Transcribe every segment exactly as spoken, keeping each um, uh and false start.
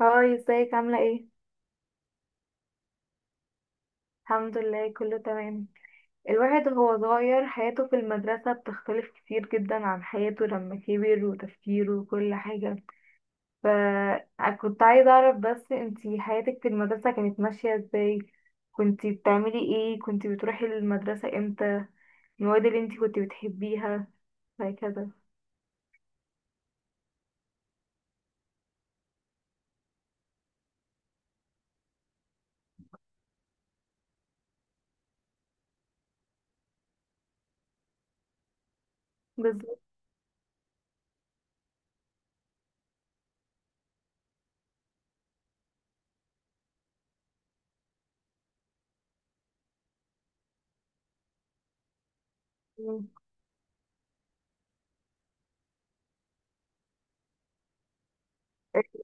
هاي، ازيك؟ عاملة ايه؟ الحمد لله، كله تمام. الواحد وهو صغير حياته في المدرسة بتختلف كتير جدا عن حياته لما كبر، وتفكيره وكل حاجة. فكنت عايزة اعرف بس انتي حياتك في المدرسة كانت ماشية ازاي؟ كنتي بتعملي ايه؟ كنتي بتروحي المدرسة امتى؟ المواد اللي انتي كنتي بتحبيها وهكذا. بالظبط.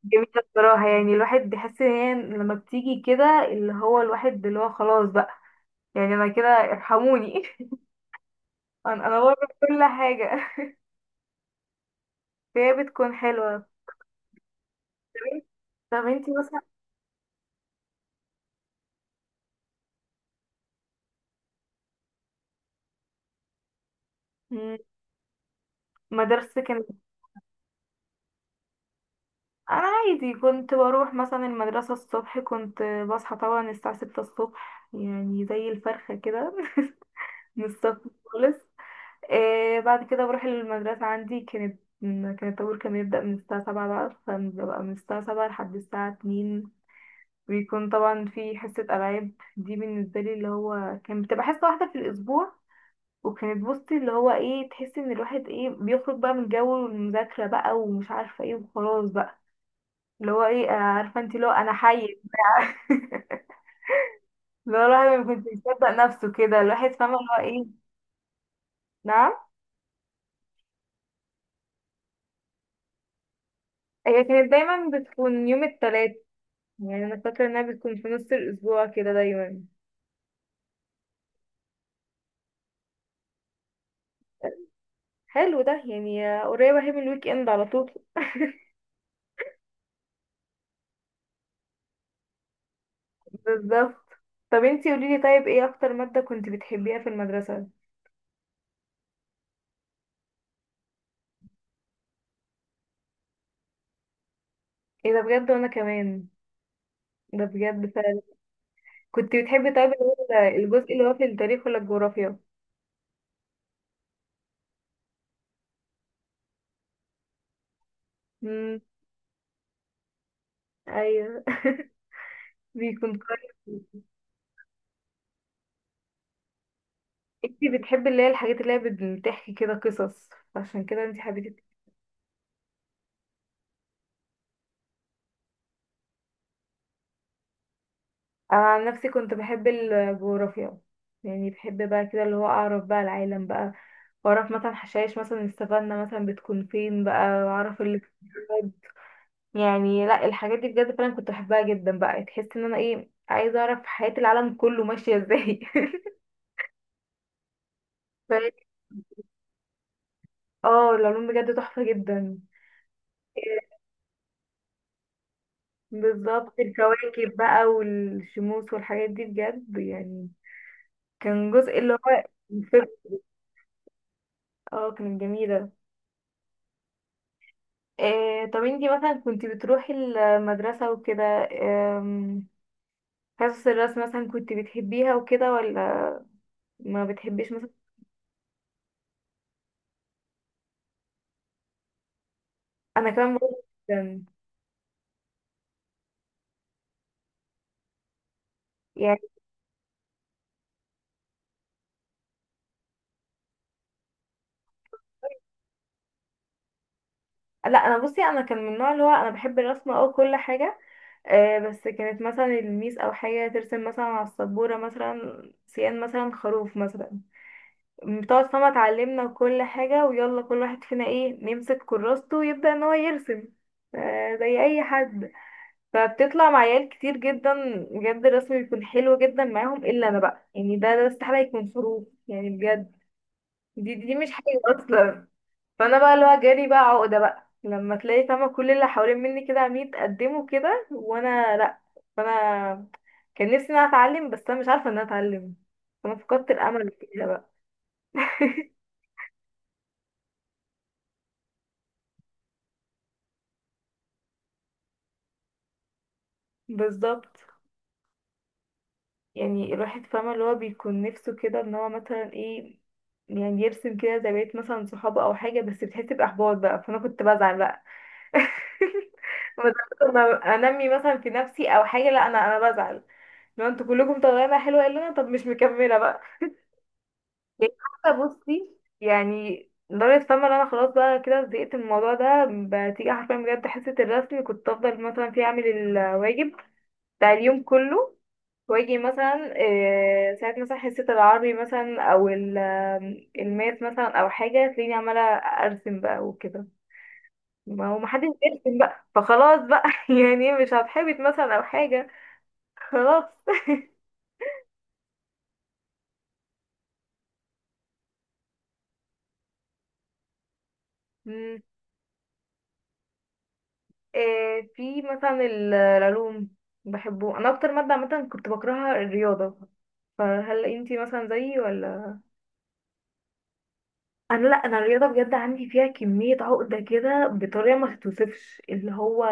جميلة بصراحة، يعني الواحد بيحس ان هي لما بتيجي كده اللي هو الواحد اللي هو خلاص بقى، يعني انا كده ارحموني انا انا بره كل حاجه. فهي بتكون حلوه. طب انت- طب انتي مثلا، مم، مدرستك كانت إيه؟ انا عادي كنت بروح مثلا المدرسه الصبح، كنت بصحى طبعا الساعه ستة الصبح، يعني زي الفرخه كده. من الصبح خالص. آه، بعد كده بروح المدرسه، عندي كانت كان الطابور كان بيبدا من الساعه سبعة بقى، فببقى من الساعه سبعة لحد الساعه اتنين. بيكون طبعا في حصه العاب، دي بالنسبه لي اللي هو كان بتبقى حصه واحده في الاسبوع. وكانت بصي اللي هو ايه، تحسي ان الواحد ايه بيخرج بقى من جو المذاكرة بقى ومش عارفة ايه وخلاص بقى اللي هو ايه، آه، عارفة انت اللي هو انا حي. اللي هو الواحد ما كنت يصدق نفسه كده، الواحد فاهمة اللي هو ايه. نعم. هي كانت دايما بتكون يوم التلات، يعني انا فاكرة انها بتكون في نص الاسبوع كده دايما. حلو ده، يعني آه، قريبة اهي من الويك اند على طول. بالظبط. طب انتي قوليلي، طيب ايه اكتر مادة كنت بتحبيها في المدرسة؟ ايه ده بجد؟ وانا كمان، ده بجد. كنت بتحبي طيب اللي هو الجزء اللي هو في التاريخ ولا الجغرافيا؟ امم، ايوه. بيكون كويس. انتي بتحبي اللي هي الحاجات اللي هي بت- بتحكي كده قصص، عشان كده انتي حبيتي. انا عن نفسي كنت بحب الجغرافيا، يعني بحب بقى كده اللي هو اعرف بقى العالم بقى، واعرف مثلا حشائش مثلا السفنة مثلا بتكون فين بقى واعرف ال، يعني لا، الحاجات دي بجد فعلا كنت بحبها جدا بقى، تحس ان انا ايه عايزه اعرف حياة العالم كله ماشية ازاي. اه، العلوم بجد تحفة جدا. بالظبط، الكواكب بقى والشموس والحاجات دي بجد يعني. كان جزء اللي هو الفيزياء، اه كانت جميلة. إيه طب انتي مثلا كنتي بتروحي المدرسة وكده، آم، حصص الرسم مثلا كنتي بتحبيها وكده ولا ما بتحبيش مثلا؟ انا كمان برضه، جدا. يعني لا، انا بصي انا كان من النوع اللي هو انا بحب الرسم او كل حاجة. آه، بس كانت مثلا الميس او حاجه ترسم مثلا على السبوره مثلا سيان مثلا خروف مثلا بتقعد، فما اتعلمنا كل حاجه ويلا كل واحد فينا ايه نمسك كراسته ويبدا ان هو يرسم، آه زي اي حد. فبتطلع مع عيال كتير جدا بجد الرسم بيكون حلو جدا معاهم، الا انا بقى يعني ده ده استحاله يكون خروف يعني، بجد دي دي مش حلو اصلا. فانا بقى اللي هو جالي بقى عقده بقى لما تلاقي فاهمه كل اللي حوالين مني كده عاملين يتقدموا كده وانا لا. فانا كان نفسي ان انا اتعلم، بس انا مش عارفه ان انا اتعلم، فانا فقدت الامل كده بقى. بالظبط. يعني الواحد فاهمه اللي هو بيكون نفسه كده ان هو مثلا ايه، يعني يرسم كده زي بقية مثلا صحابه او حاجه، بس بتحس باحباط بقى فانا كنت بزعل بقى. بدأت لما انمي مثلا في نفسي او حاجه، لا انا انا بزعل. لو انتوا كلكم طالعين حلوه الا انا، طب مش مكمله بقى. يعني حتى بصي، يعني لدرجة فاهمة ان انا خلاص بقى كده زهقت من الموضوع ده. بتيجي حرفيا بجد حصة الرسم كنت افضل مثلا فيه اعمل الواجب بتاع اليوم كله، واجي مثلا آه، ساعات مثلا حصة العربي مثلا او ال- آم، الماس مثلا او حاجة تلاقيني عمالة ارسم بقى وكده. ما هو محدش بيرسم بقى، فخلاص بقى يعني مش هتحبط مثلا او حاجة، خلاص. آه، في مثلا ال- العلوم بحبه انا، اكتر ماده عامه كنت بكرهها الرياضه، فهل انتي مثلا زيي ولا؟ انا لا، انا الرياضه بجد عندي فيها كميه عقده كده بطريقه ما تتوصفش، اللي هو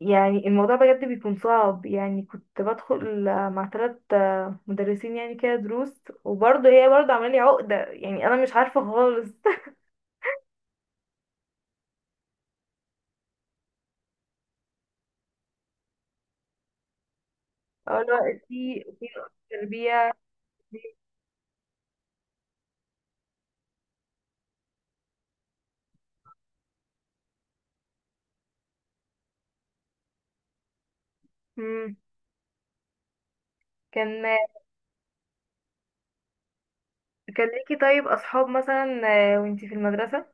يعني الموضوع بجد بيكون صعب، يعني كنت بدخل مع ثلاث مدرسين يعني كده دروس، وبرضه هي برضه عامله لي عقده يعني، انا مش عارفه خالص. اللي هو في في تربيه، مم. كان كان ليكي طيب اصحاب مثلا آه، وانتي في المدرسة،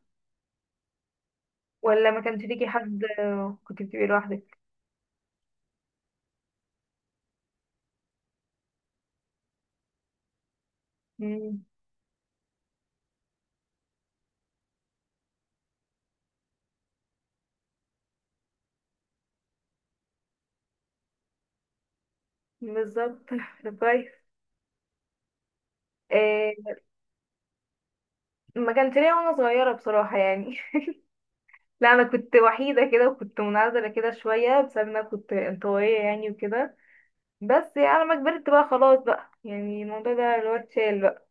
ولا ما كانش ليكي حد آه، كنت بتبقي لوحدك؟ مم، بالظبط. طب كويس. آه، ما كانش ليا وانا صغيرة بصراحة يعني. لا، انا كنت وحيدة كده وكنت منعزلة كده شوية بسبب إن انا كنت انطوائية يعني وكده. بس يعني لما كبرت بقى خلاص بقى، يعني الموضوع ده اللي هو اتشال بقى.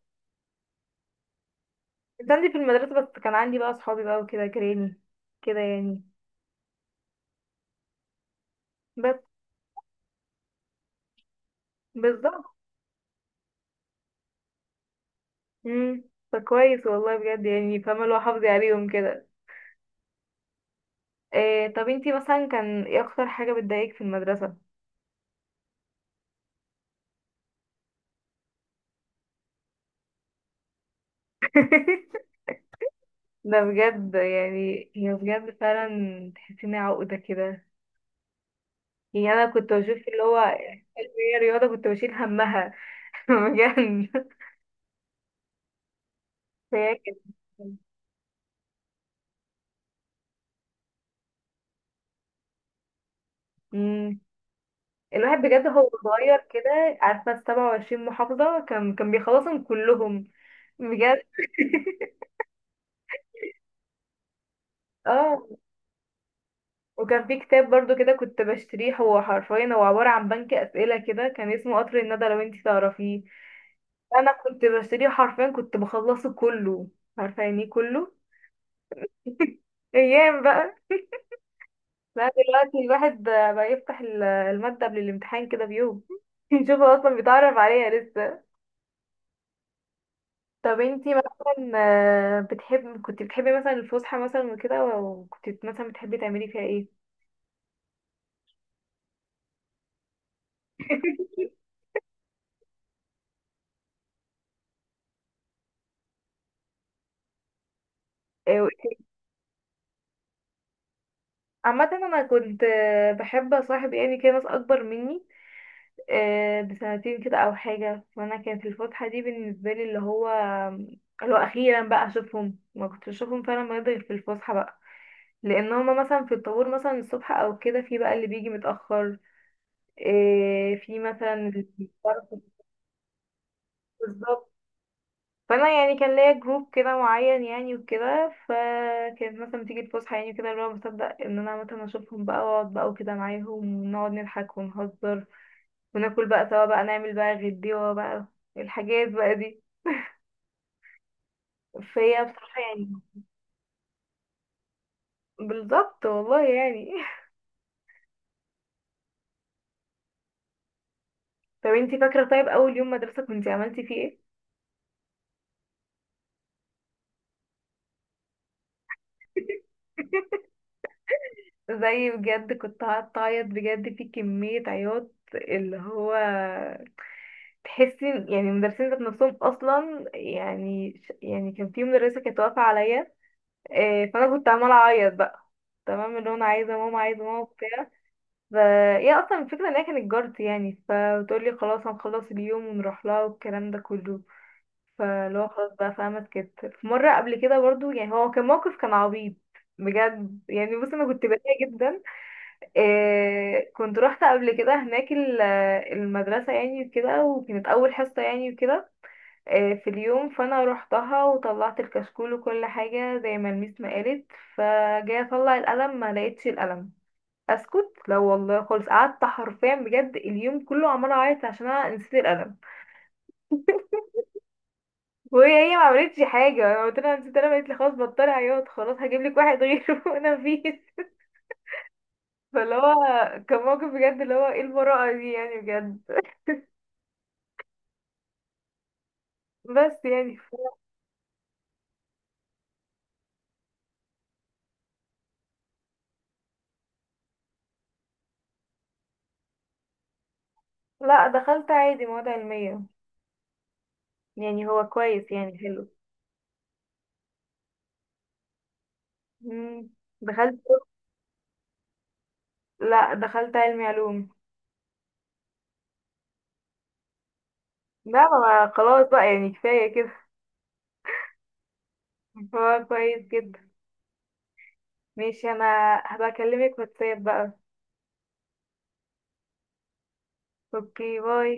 كنت عندي في المدرسة بس، كان عندي بقى اصحابي بقى وكده جيراني كده يعني. بس بالظبط. امم، فكويس والله بجد، يعني فاهمة اللي هو حافظي عليهم كده. إيه طب انتي مثلا، كان ايه اكتر حاجة بتضايقك في المدرسة؟ ده بجد، يعني هي بجد فعلا تحسي انها عقدة كده. يعني انا كنت بشوف اللي هو اللي هي رياضة كنت بشيل همها. بجد. فهي كانت، مم. الواحد بجد هو صغير كده، عارفة السبعة وعشرين محافظة كان كان بيخلصهم كلهم. بجد. اه، وكان في كتاب برضو كده كنت بشتريه، هو حرفيا هو عبارة عن بنك أسئلة كده، كان اسمه قطر الندى، لو انتي تعرفيه. انا كنت بشتريه حرفيا، كنت بخلصه كله، عارفه يعني إيه كله. ايام بقى. لا دلوقتي الواحد بقى بقى يفتح ال- المادة قبل الامتحان كده بيوم يشوف هو اصلا بيتعرف عليها لسه. طب انتي مثلا آه، بتحب كنت بتحبي مثلا الفسحة مثلا وكده، وكنت مثلا بتحبي تعملي فيها ايه؟ آه، عامة انا كنت آه، بحب اصاحب يعني كده ناس اكبر مني آه، بسنتين كده او حاجه، وانا كانت الفتحه دي بالنسبه لي اللي هو اللي هو اخيرا بقى اشوفهم، ما كنتش اشوفهم فعلا بجد غير في الفسحه بقى، لان هما مثلا في الطابور مثلا الصبح او كده في بقى اللي بيجي متاخر آه، في مثلا اللي بيتأخر. بالظبط. فانا يعني كان ليا جروب كده معين يعني وكده، فكانت مثلا بتيجي الفسحه يعني كده اللي هو بصدق ان انا مثلا اشوفهم بقى واقعد بقى وكده معاهم، ونقعد نضحك ونهزر، وناكل بقى سوا بقى نعمل بقى غديوه بقى الحاجات بقى دي. فهي بصراحة يعني، بالظبط والله يعني. طب انتي فاكرة طيب أول يوم مدرسة كنتي عملتي فيه ايه؟ زي بجد كنت هتعيط بجد في كمية عياط، اللي هو تحسي يعني المدرسين ذات نفسهم أصلا، يعني ش- يعني كان في مدرسة كانت واقفة عليا آه، فأنا كنت عمالة أعيط بقى، تمام اللي هو أنا عايزة ماما عايزة ماما وبتاع. ف، هي أصلا الفكرة إن هي كانت جارتي يعني، فبتقولي خلاص هنخلص اليوم ونروح لها والكلام ده كله. فاللي هو خلاص بقى فاهمة اتكتر في مرة قبل كده برضو، يعني هو كان موقف كان عبيط بجد، يعني بص انا كنت بريئة جدا. إيه كنت رحت قبل كده هناك ال- المدرسة يعني وكده، وكانت أول حصة يعني وكده. إيه في اليوم، فأنا روحتها وطلعت الكشكول وكل حاجة زي ما الميس ما قالت، فجاي أطلع القلم ما لقيتش القلم. أسكت لا والله خالص، قعدت حرفيا بجد اليوم كله عمالة أعيط عشان أنا نسيت القلم. وهي ما عملتش حاجه، انا قلت لها نسيت، انا قالت لي خلاص بطلي عياط خلاص هجيب لك واحد غيره وانا مفيش. فاللي هو كان موقف بجد اللي هو ايه المرأة دي يعني، بجد. بس يعني ف... لا دخلت عادي مواد علمية، يعني هو كويس يعني حلو. مم. دخلت، لا دخلت علمي علوم، لا ما، خلاص بقى يعني كفاية كده. هو كويس جدا. ماشي انا هبقى اكلمك واتساب بقى. اوكي باي.